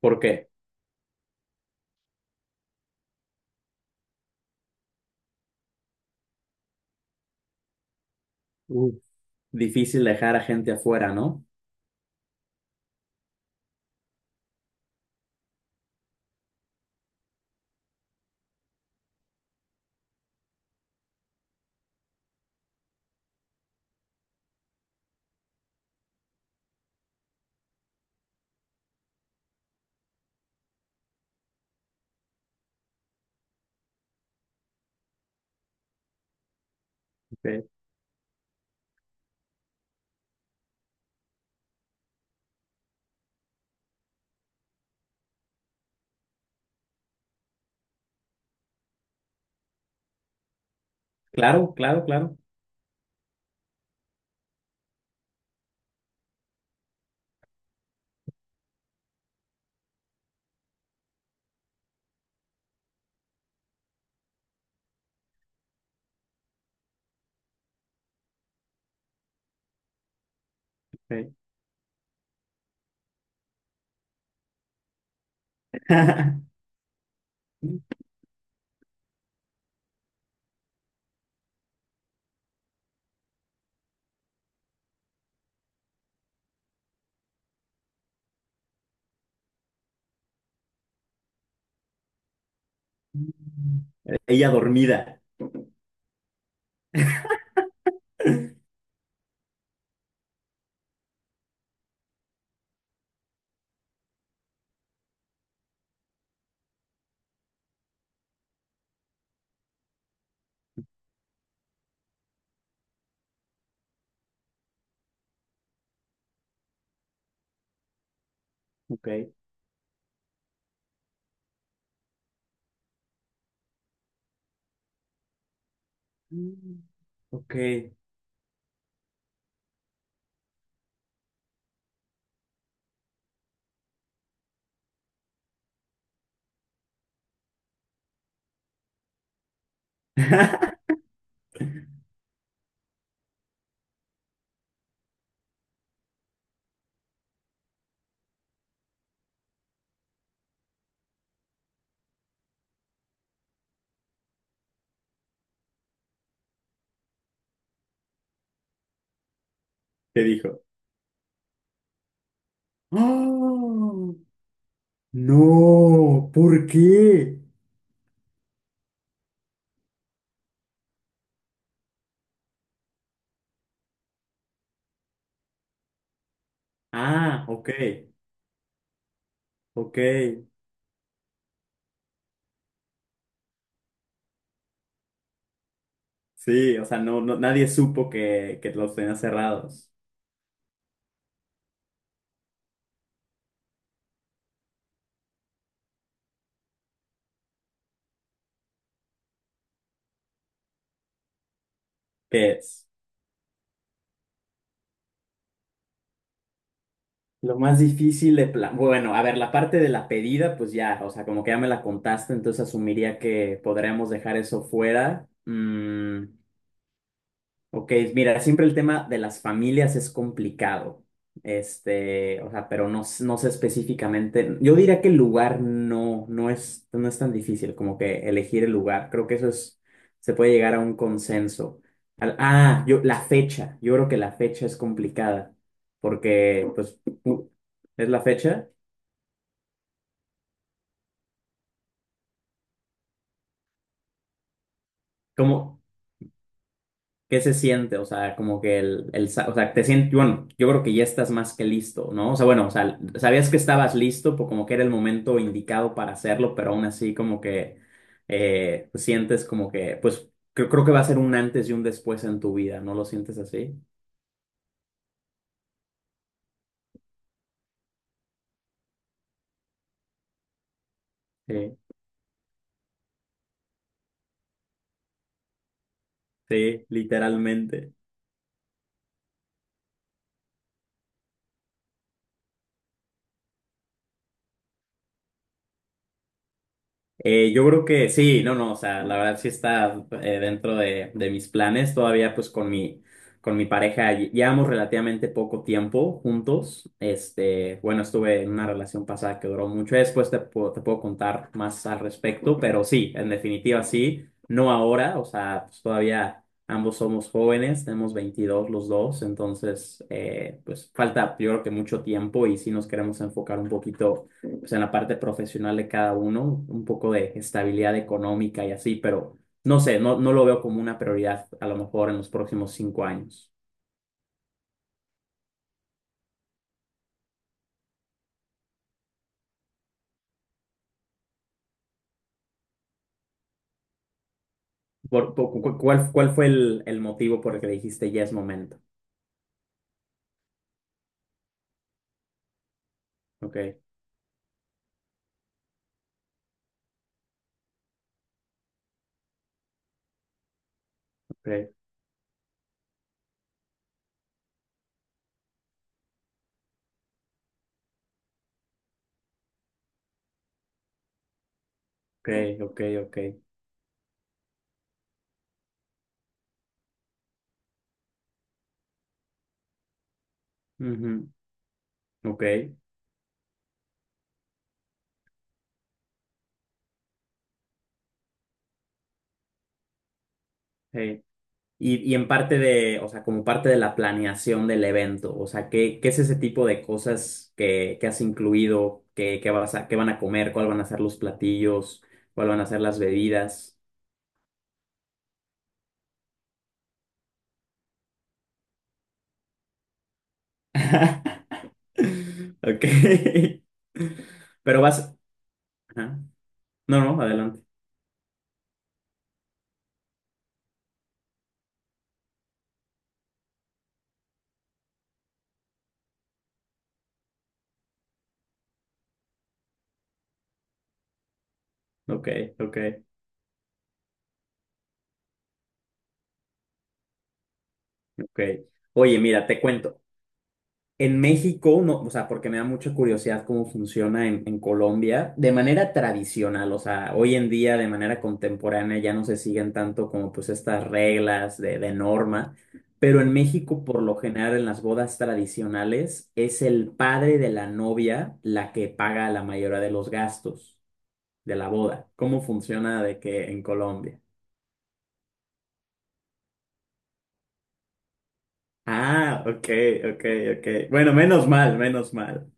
¿Por qué? Uf, difícil dejar a gente afuera, ¿no? Ok. Claro, claro, claro. Ok. Ella dormida. Ok. Mm, ok. ¿Qué dijo? ¡Oh! No, ¿por qué? Ah, ok, ok. Sí, o sea, nadie supo que los tenían cerrados. ¿Qué es? Lo más difícil de plan... Bueno, a ver, la parte de la pedida, pues ya, o sea, como que ya me la contaste, entonces asumiría que podríamos dejar eso fuera. Mm, ok, mira, siempre el tema de las familias es complicado. Este, o sea, pero no sé específicamente. Yo diría que el lugar no es tan difícil como que elegir el lugar. Creo que eso es, se puede llegar a un consenso. Yo, la fecha. Yo creo que la fecha es complicada. Porque, es la fecha. ¿Cómo? ¿Qué se siente? O sea, como que o sea, te sientes, bueno, yo creo que ya estás más que listo, ¿no? O sea, bueno, o sea, sabías que estabas listo, pues como que era el momento indicado para hacerlo, pero aún así como que pues, sientes como que, pues creo que va a ser un antes y un después en tu vida, ¿no lo sientes así? Sí, sí, literalmente. Yo creo que sí, no, no, o sea, la verdad sí está dentro de mis planes. Todavía pues con mi pareja llevamos relativamente poco tiempo juntos. Este, bueno, estuve en una relación pasada que duró mucho. Después te puedo contar más al respecto, pero sí, en definitiva sí, no ahora, o sea, pues todavía ambos somos jóvenes, tenemos 22 los dos, entonces pues falta yo creo que mucho tiempo y sí nos queremos enfocar un poquito o sea, en la parte profesional de cada uno, un poco de estabilidad económica y así, pero no sé, no lo veo como una prioridad a lo mejor en los próximos 5 años. ¿Cuál, cuál fue el motivo por el que dijiste ya es momento? Ok, ok, ok, ok, ok. Ujú, ok, hey. Y en parte de, o sea, como parte de la planeación del evento, o sea, ¿qué, qué es ese tipo de cosas que has incluido? ¿Qué, qué vas a, qué van a comer? ¿Cuáles van a ser los platillos? ¿Cuáles van a ser las bebidas? Ok. Pero vas. Ajá. No, no, adelante. Ok, ok, ok. Oye, mira, te cuento. En México, no, o sea, porque me da mucha curiosidad cómo funciona en Colombia, de manera tradicional, o sea, hoy en día, de manera contemporánea, ya no se siguen tanto como pues estas reglas de norma, pero en México, por lo general, en las bodas tradicionales, es el padre de la novia la que paga la mayoría de los gastos de la boda. ¿Cómo funciona de que en Colombia? Ah, ok, ok, ok. Bueno, menos mal, menos mal.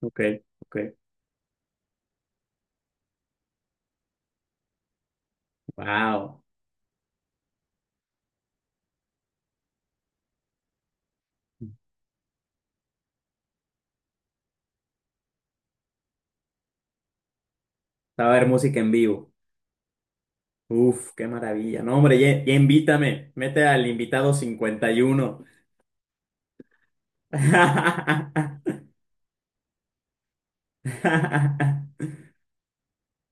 Ok, ok. Wow. Va a haber música en vivo. Uf, qué maravilla. No, hombre, ya, ya invítame. Mete al invitado 51.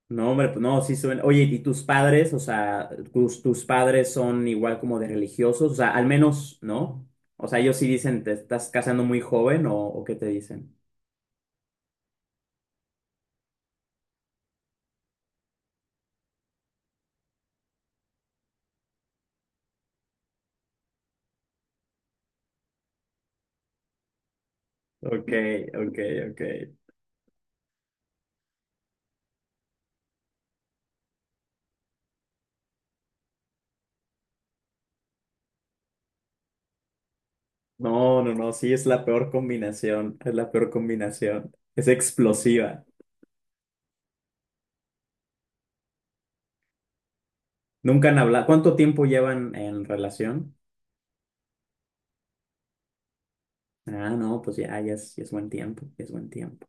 No, hombre, pues no, sí suena. Oye, ¿y tus padres? O sea, tus, tus padres son igual como de religiosos, o sea, al menos, ¿no? O sea, ellos sí dicen, ¿te estás casando muy joven o qué te dicen? Ok, ok, ok. No, no, no, sí, es la peor combinación, es la peor combinación. Es explosiva. Nunca han hablado. ¿Cuánto tiempo llevan en relación? Ah, no, pues ya, ya es buen tiempo, ya es buen tiempo.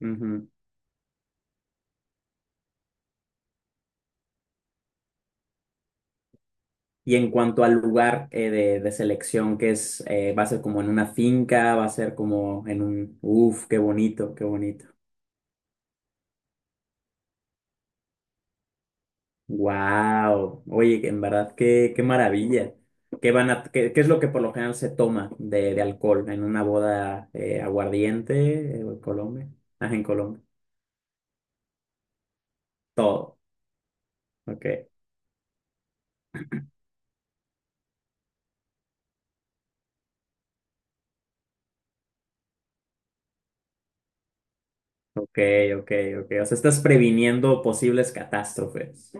Ujú. Y en cuanto al lugar de selección, que es, va a ser como en una finca, va a ser como en un, uf, qué bonito, qué bonito. Wow, oye, en verdad qué, qué maravilla. ¿Qué van a, qué, qué es lo que por lo general se toma de alcohol en una boda aguardiente en Colombia? Ah, en Colombia. Todo. Ok, ok, ok, ok. O sea, estás previniendo posibles catástrofes.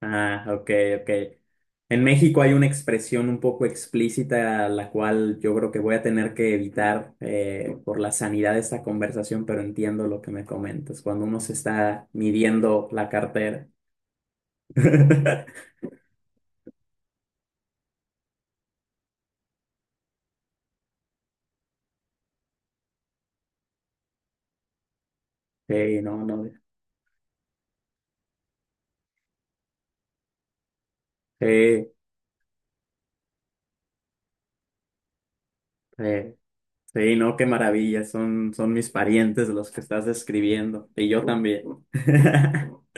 Ah, ok, ok. En México hay una expresión un poco explícita, la cual yo creo que voy a tener que evitar por la sanidad de esta conversación, pero entiendo lo que me comentas, cuando uno se está midiendo la cartera. Sí, no, no. Sí, sí, sí, no, qué maravilla. Son, son mis parientes los que estás describiendo. Y yo también.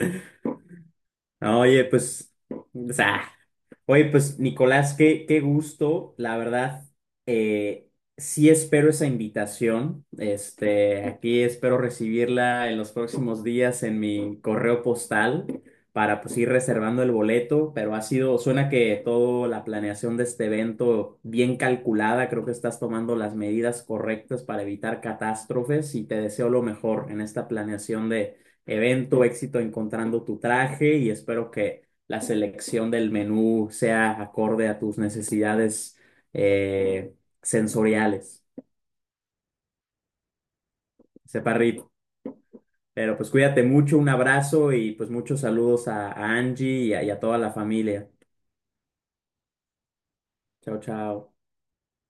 Oye, pues, oye, pues Nicolás, qué, qué gusto, la verdad, eh, sí espero esa invitación, este, aquí espero recibirla en los próximos días en mi correo postal para pues ir reservando el boleto, pero ha sido, suena que toda la planeación de este evento bien calculada, creo que estás tomando las medidas correctas para evitar catástrofes y te deseo lo mejor en esta planeación de evento, éxito encontrando tu traje y espero que la selección del menú sea acorde a tus necesidades eh, sensoriales. Sepa rico. Pero pues cuídate mucho, un abrazo y pues muchos saludos a Angie y a toda la familia. Chao, chao.